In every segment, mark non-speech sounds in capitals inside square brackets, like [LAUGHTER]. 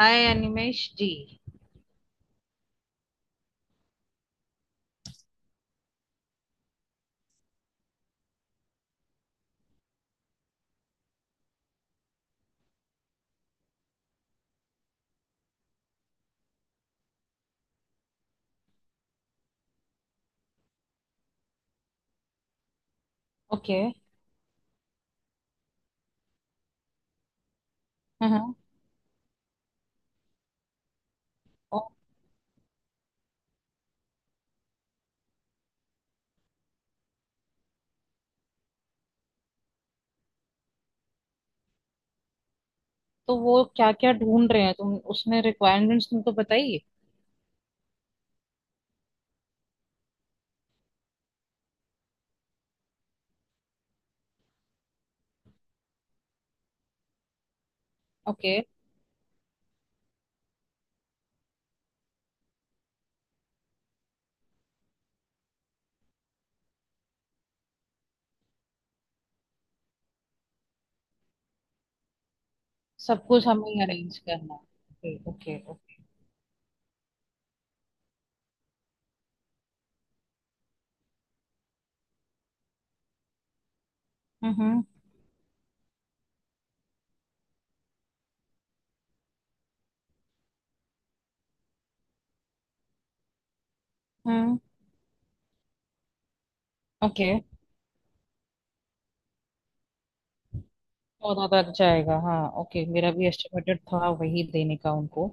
हाय Animesh ji. Okay. हाँ। और तो वो क्या क्या ढूंढ रहे हैं, तुम उसमें रिक्वायरमेंट्स तुमको बताइए। ओके, सब कुछ हमें अरेंज करना है। Okay okay. Hmm hmm. Okay, चौदह तक जाएगा, हाँ। ओके, मेरा भी एस्टिमेटेड था वही देने का उनको।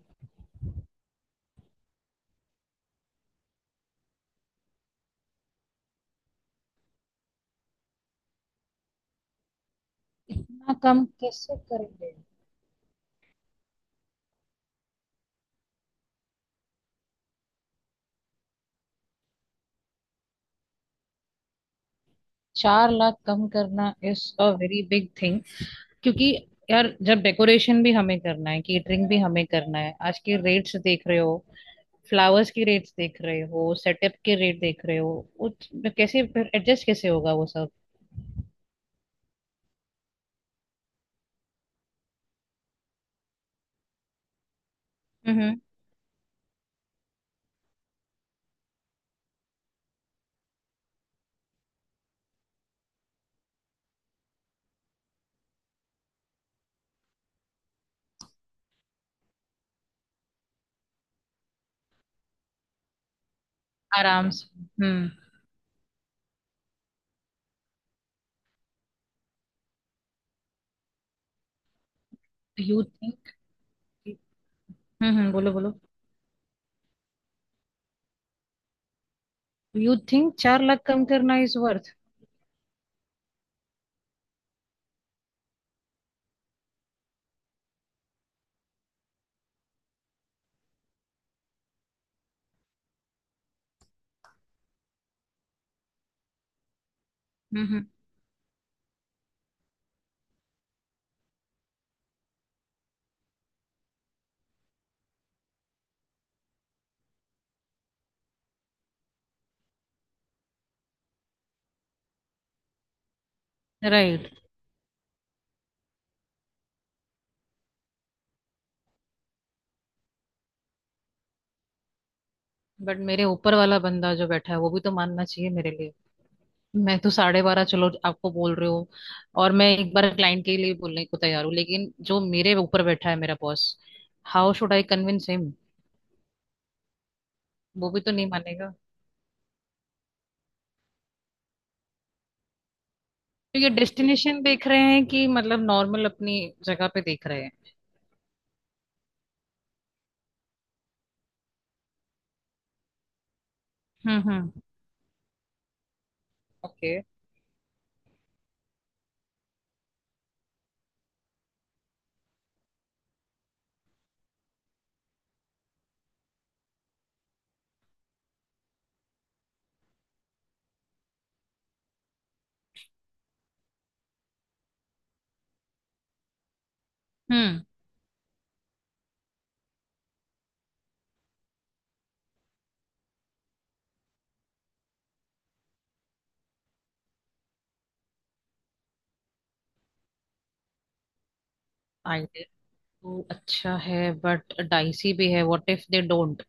ना कम कैसे करेंगे? चार लाख कम करना is a very big thing. क्योंकि यार, जब डेकोरेशन भी हमें करना है, केटरिंग भी हमें करना है, आज के रेट्स देख रहे हो, फ्लावर्स की रेट्स देख रहे हो, सेटअप के रेट देख रहे हो, उस कैसे फिर एडजस्ट कैसे होगा वो सब। हम्म। आराम से। हम्म। Do you think. बोलो बोलो। डू यू थिंक चार लाख कम करना is worth? Hmm. Right. But मेरे ऊपर वाला बंदा जो बैठा है वो भी तो मानना चाहिए मेरे लिए। मैं तो साढ़े बारह चलो आपको बोल रही हूँ, और मैं एक बार क्लाइंट के लिए बोलने को तैयार हूँ, लेकिन जो मेरे ऊपर बैठा है मेरा boss, how should I convince him? वो भी तो नहीं मानेगा। तो ये डेस्टिनेशन देख रहे हैं कि मतलब नॉर्मल अपनी जगह पे देख रहे हैं? हम्म। ओके। हम्म। आइडिया तो अच्छा है, बट डाइसी भी है। What if they don't?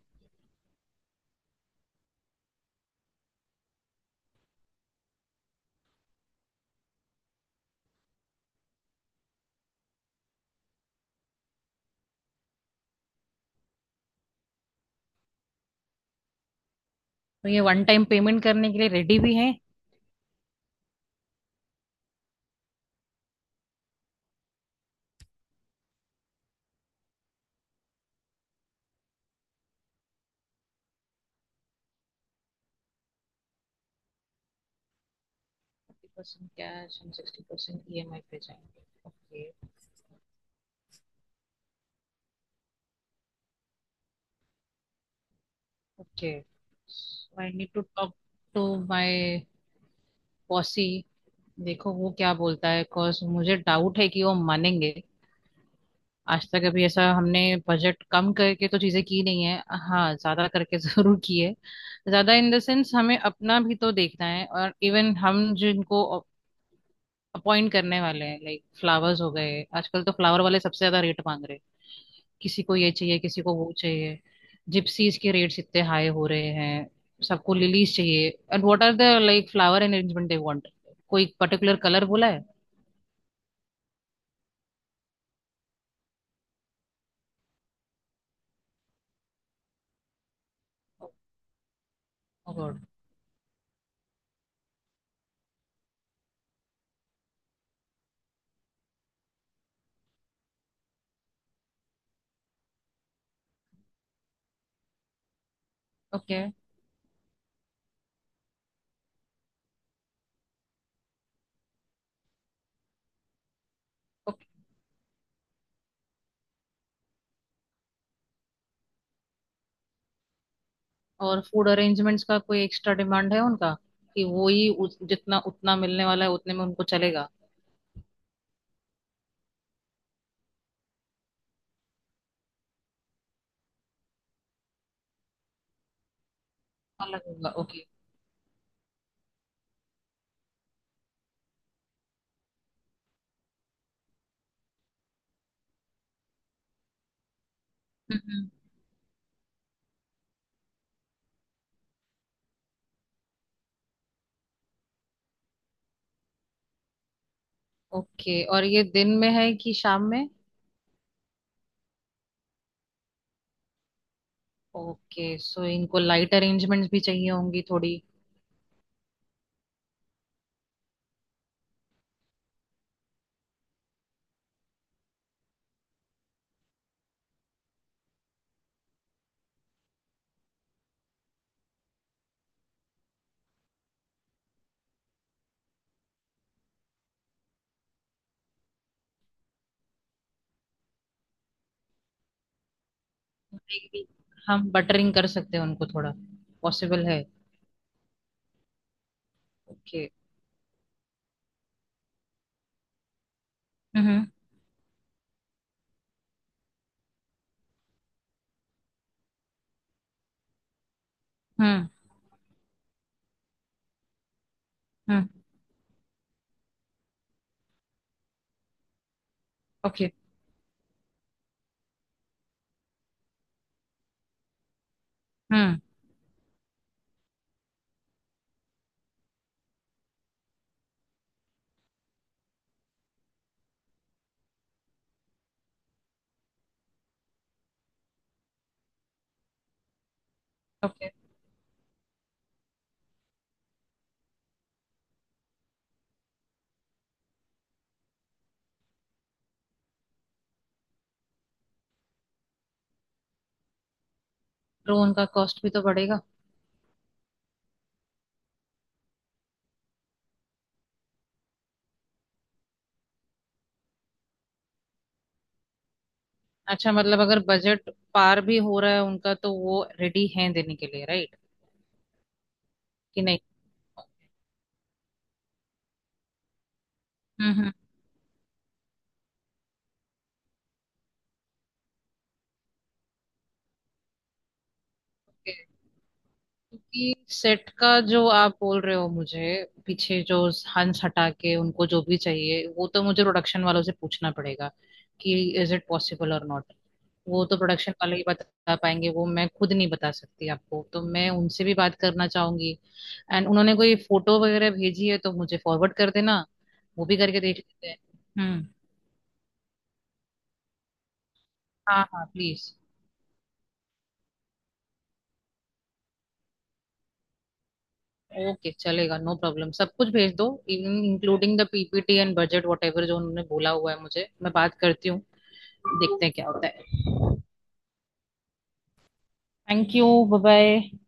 तो ये वन टाइम पेमेंट करने के लिए रेडी भी हैं? 50% कैश एंड 60% ईएमआई पे जाएंगे। Okay okay. I need to talk to my posse. देखो वो क्या बोलता है, बिकॉज मुझे डाउट है कि वो मानेंगे। आज तक अभी ऐसा हमने बजट कम करके तो चीजें की नहीं है। हाँ, ज्यादा करके [LAUGHS] जरूर की है। ज्यादा इन द सेंस हमें अपना भी तो देखना है, और इवन हम जिनको अपॉइंट करने वाले हैं, लाइक फ्लावर्स हो गए, आजकल तो फ्लावर वाले सबसे ज्यादा रेट मांग रहे हैं। किसी को ये चाहिए, किसी को वो चाहिए। जिप्सीज के रेट्स इतने हाई हो रहे हैं, सबको लिलीज चाहिए। And what are the like flower arrangement they want? कोई पर्टिकुलर कलर बोला है? ओके। और फूड अरेंजमेंट्स का कोई एक्स्ट्रा डिमांड है उनका? कि वो ही जितना उतना मिलने वाला है उतने में उनको चलेगा? अलग होगा, ओके। हम्म। ओके। और ये दिन में है कि शाम में? ओके, सो इनको लाइट अरेंजमेंट्स भी चाहिए होंगी थोड़ी। Maybe। हम बटरिंग कर सकते हैं उनको थोड़ा, पॉसिबल है? Okay. Hmm hmm. Hmm. Okay. Hmm. Okay. तो उनका कॉस्ट भी तो बढ़ेगा। अच्छा, मतलब अगर बजट पार भी हो रहा है उनका तो वो रेडी हैं देने के लिए, राइट? कि नहीं? हम्म हम्म। क्योंकि सेट का जो आप बोल रहे हो मुझे, पीछे जो हंस हटा के उनको जो भी चाहिए, वो तो मुझे प्रोडक्शन वालों से पूछना पड़ेगा कि इज इट पॉसिबल और नॉट। वो तो प्रोडक्शन वाले ही बता पाएंगे, वो मैं खुद नहीं बता सकती आपको, तो मैं उनसे भी बात करना चाहूंगी। एंड उन्होंने कोई फोटो वगैरह भेजी है तो मुझे फॉरवर्ड कर देना, वो भी करके देख लेते हैं। हम्म। हाँ हाँ प्लीज। ओके, चलेगा, नो प्रॉब्लम। सब कुछ भेज दो, including the PPT and budget whatever जो उन्होंने बोला हुआ है मुझे। मैं बात करती हूँ, देखते हैं क्या होता है। Thank you, bye bye.